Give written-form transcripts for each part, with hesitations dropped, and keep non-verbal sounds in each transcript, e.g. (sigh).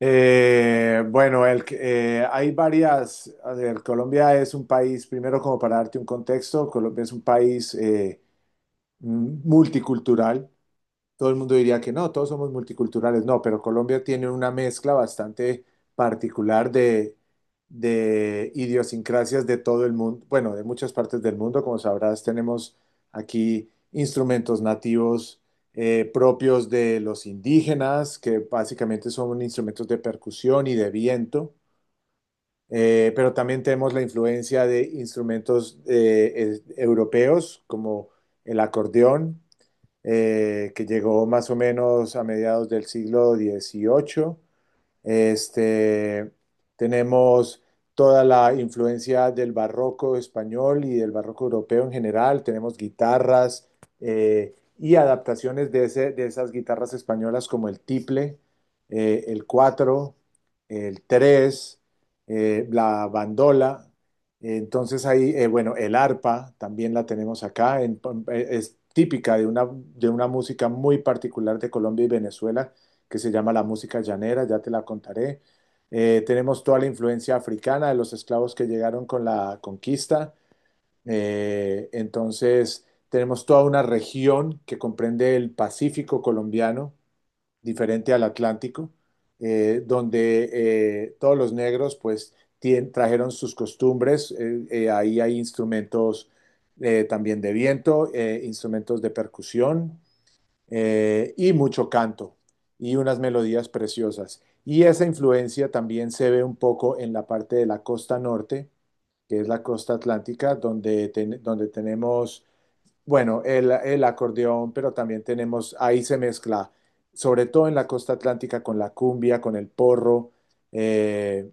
Bueno, hay varias, a ver, Colombia es un país, primero como para darte un contexto, Colombia es un país multicultural, todo el mundo diría que no, todos somos multiculturales, no, pero Colombia tiene una mezcla bastante particular de idiosincrasias de todo el mundo, bueno, de muchas partes del mundo. Como sabrás, tenemos aquí instrumentos nativos propios de los indígenas, que básicamente son instrumentos de percusión y de viento. Pero también tenemos la influencia de instrumentos europeos como el acordeón que llegó más o menos a mediados del siglo XVIII. Este, tenemos toda la influencia del barroco español y del barroco europeo en general. Tenemos guitarras y adaptaciones de esas guitarras españolas como el tiple, el cuatro, el tres, la bandola. Entonces ahí, bueno, el arpa también la tenemos acá. Es típica de una música muy particular de Colombia y Venezuela que se llama La Música Llanera, ya te la contaré. Tenemos toda la influencia africana de los esclavos que llegaron con la conquista. Entonces, tenemos toda una región que comprende el Pacífico colombiano, diferente al Atlántico, donde todos los negros pues trajeron sus costumbres. Ahí hay instrumentos también de viento, instrumentos de percusión, y mucho canto y unas melodías preciosas. Y esa influencia también se ve un poco en la parte de la costa norte, que es la costa atlántica, donde, donde tenemos, bueno, el acordeón, pero también tenemos, ahí se mezcla, sobre todo en la costa atlántica, con la cumbia, con el porro, eh,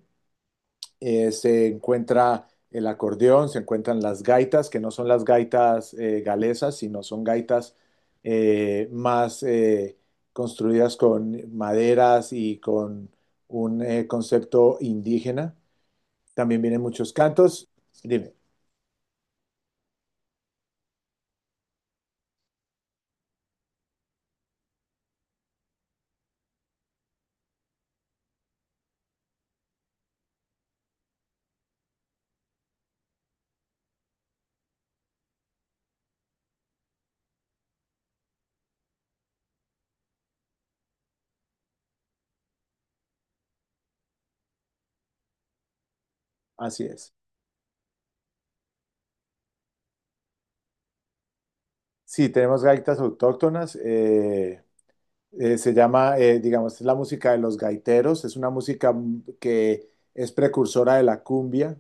se encuentra el acordeón, se encuentran las gaitas, que no son las gaitas galesas, sino son gaitas más construidas con maderas y con un concepto indígena. También vienen muchos cantos. Dime, así es. Sí, tenemos gaitas autóctonas. Se llama, digamos, es la música de los gaiteros. Es una música que es precursora de la cumbia.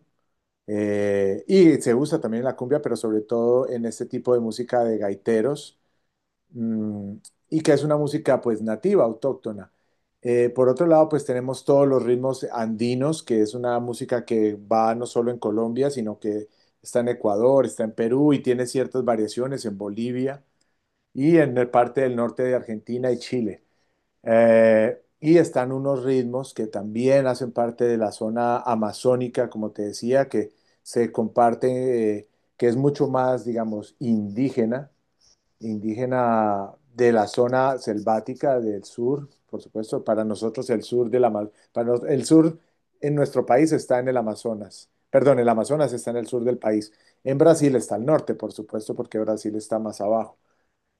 Y se usa también la cumbia, pero sobre todo en este tipo de música de gaiteros, mm, y que es una música pues nativa, autóctona. Por otro lado, pues tenemos todos los ritmos andinos, que es una música que va no solo en Colombia, sino que está en Ecuador, está en Perú y tiene ciertas variaciones en Bolivia y en parte del norte de Argentina y Chile. Y están unos ritmos que también hacen parte de la zona amazónica, como te decía, que se comparte, que es mucho más, digamos, indígena, indígena de la zona selvática del sur, por supuesto, para nosotros el sur de la para nos- el sur en nuestro país está en el Amazonas. Perdón, el Amazonas está en el sur del país. En Brasil está al norte, por supuesto, porque Brasil está más abajo.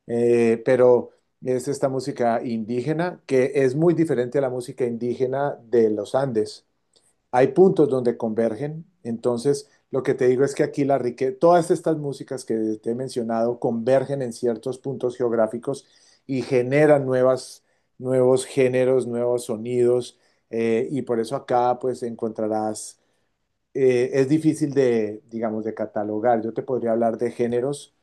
Pero es esta música indígena que es muy diferente a la música indígena de los Andes. Hay puntos donde convergen, entonces lo que te digo es que aquí la riqueza, todas estas músicas que te he mencionado convergen en ciertos puntos geográficos y generan nuevas, nuevos géneros, nuevos sonidos, y por eso acá pues encontrarás es difícil de, digamos, de catalogar. Yo te podría hablar de géneros,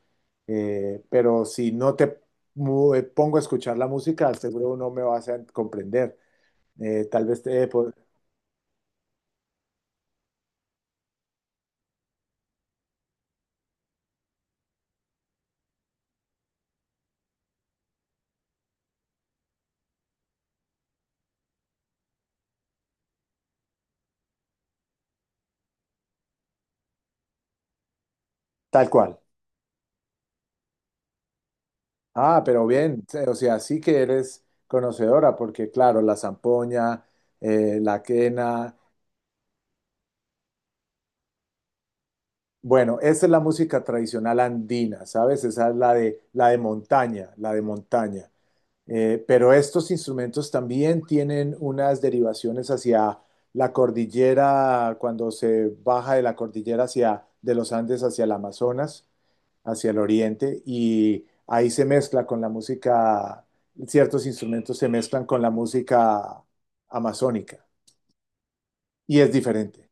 pero si no te pongo a escuchar la música, seguro no me vas a comprender. Tal vez te, po- tal cual. Ah, pero bien, o sea, sí que eres conocedora, porque claro, la zampoña, la quena, bueno, esa es la música tradicional andina, ¿sabes? Esa es la de montaña, la de montaña. Pero estos instrumentos también tienen unas derivaciones hacia la cordillera, cuando se baja de la cordillera hacia, de los Andes hacia el Amazonas, hacia el oriente, y ahí se mezcla con la música, ciertos instrumentos se mezclan con la música amazónica, y es diferente.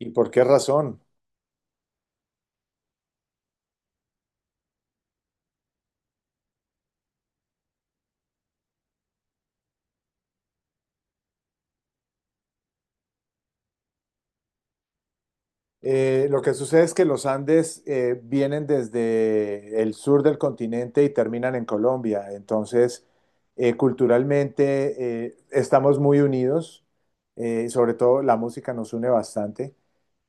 ¿Y por qué razón? Lo que sucede es que los Andes vienen desde el sur del continente y terminan en Colombia. Entonces, culturalmente estamos muy unidos, sobre todo la música nos une bastante,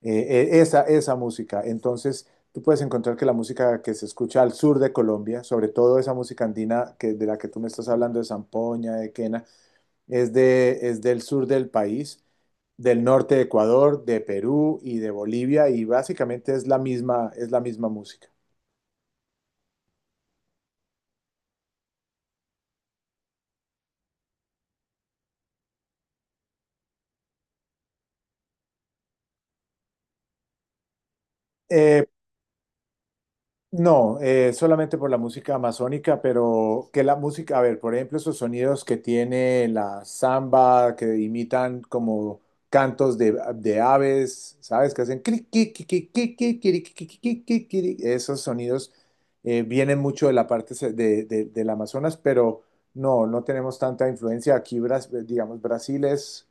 eh, esa música. Entonces, tú puedes encontrar que la música que se escucha al sur de Colombia, sobre todo esa música andina que, de la que tú me estás hablando, de zampoña, de quena, es, es del sur del país del norte de Ecuador, de Perú y de Bolivia, y básicamente es la misma música. Eh, no, solamente por la música amazónica, pero que la música, a ver, por ejemplo, esos sonidos que tiene la samba, que imitan como cantos de aves, ¿sabes? Que hacen cri, qui, qui, qui, qui, qui, quiri, qui, qui, qui, qui, quiri. Esos sonidos vienen mucho de la parte del Amazonas, pero no, no tenemos tanta influencia aquí. Digamos, Brasil, es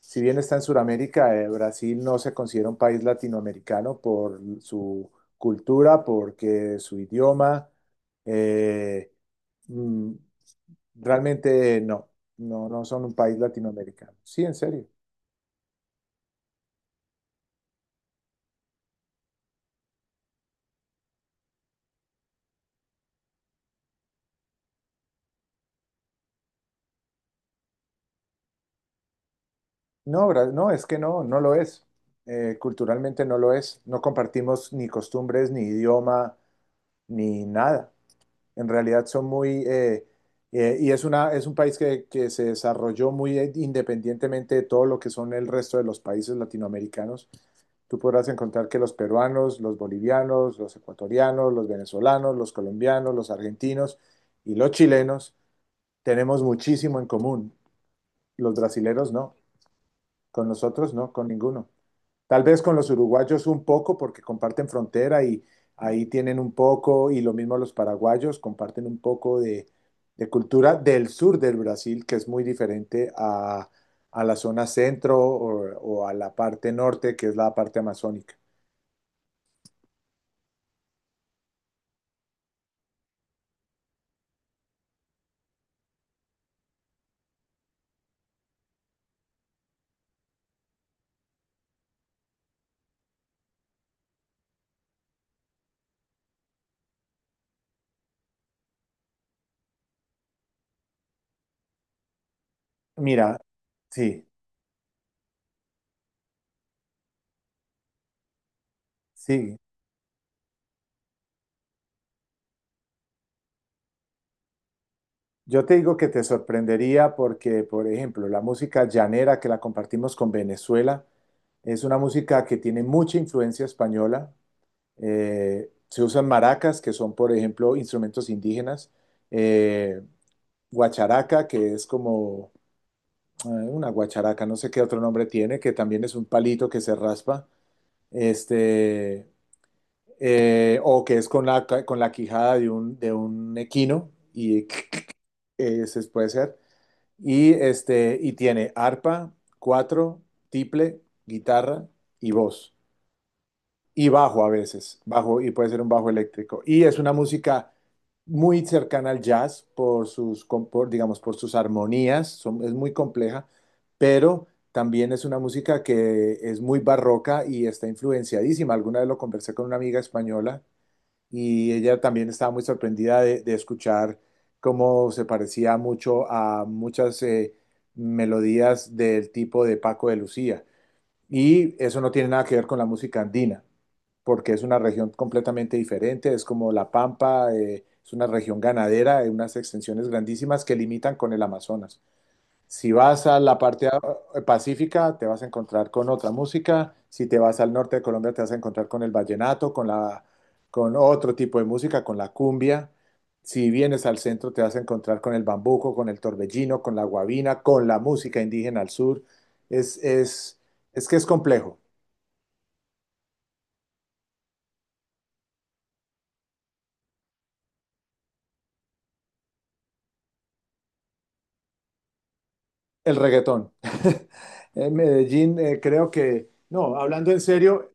si bien está en Sudamérica, Brasil no se considera un país latinoamericano por su cultura, porque su idioma, eh, mm, realmente no, no, no son un país latinoamericano. Sí, en serio. No, no, es que no, no lo es. Culturalmente no lo es. No compartimos ni costumbres, ni idioma, ni nada. En realidad son muy, y es un país que se desarrolló muy independientemente de todo lo que son el resto de los países latinoamericanos. Tú podrás encontrar que los peruanos, los bolivianos, los ecuatorianos, los venezolanos, los colombianos, los argentinos y los chilenos tenemos muchísimo en común. Los brasileros no, con nosotros no, con ninguno. Tal vez con los uruguayos un poco, porque comparten frontera y ahí tienen un poco, y lo mismo los paraguayos, comparten un poco de cultura del sur del Brasil, que es muy diferente a, la zona centro o a la parte norte, que es la parte amazónica. Mira, sí, sí. Yo te digo que te sorprendería porque, por ejemplo, la música llanera que la compartimos con Venezuela es una música que tiene mucha influencia española. Se usan maracas, que son, por ejemplo, instrumentos indígenas. eh, guacharaca, que es como una guacharaca, no sé qué otro nombre tiene, que también es un palito que se raspa. Este, o que es con la quijada de un equino y (laughs) ese puede ser. Y, y tiene arpa, cuatro, tiple, guitarra y voz. Y bajo a veces, bajo y puede ser un bajo eléctrico. Y es una música muy cercana al jazz por sus, por, digamos, por sus armonías, es muy compleja, pero también es una música que es muy barroca y está influenciadísima. Alguna vez lo conversé con una amiga española y ella también estaba muy sorprendida de escuchar cómo se parecía mucho a muchas melodías del tipo de Paco de Lucía. Y eso no tiene nada que ver con la música andina, porque es una región completamente diferente, es como La Pampa, es una región ganadera, de unas extensiones grandísimas que limitan con el Amazonas. Si vas a la parte pacífica, te vas a encontrar con otra música. Si te vas al norte de Colombia, te vas a encontrar con el vallenato, con otro tipo de música, con la cumbia. Si vienes al centro, te vas a encontrar con el bambuco, con el torbellino, con la guabina, con la música indígena al sur. Es, es, es que es complejo. El reggaetón. (laughs) En Medellín, creo que, no, hablando en serio,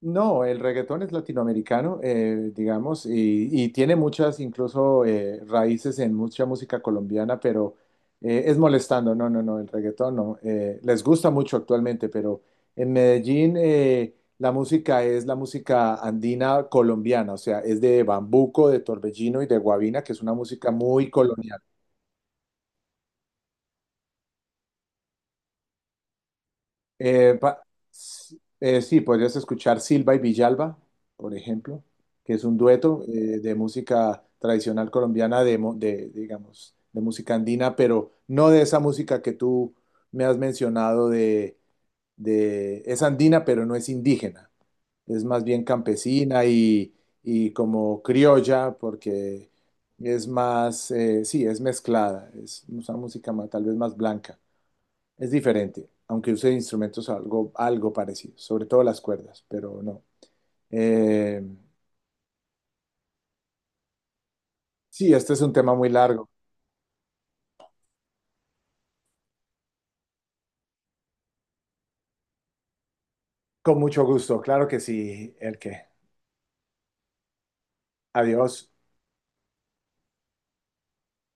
no, el reggaetón es latinoamericano, digamos, y, tiene muchas, incluso raíces en mucha música colombiana, pero es molestando, no, no, no, el reggaetón no. Les gusta mucho actualmente, pero en Medellín la música es la música andina colombiana, o sea, es de Bambuco, de Torbellino y de Guavina, que es una música muy colonial. Eh, pa- s- sí, podrías escuchar Silva y Villalba, por ejemplo, que es un dueto de música tradicional colombiana, de, digamos, de música andina, pero no de esa música que tú me has mencionado es andina, pero no es indígena. Es más bien campesina y como criolla, porque es más, sí, es mezclada, es una música tal vez más blanca. Es diferente, aunque use instrumentos algo parecido, sobre todo las cuerdas, pero no. Eh, sí, este es un tema muy largo. Con mucho gusto, claro que sí, el que. Adiós.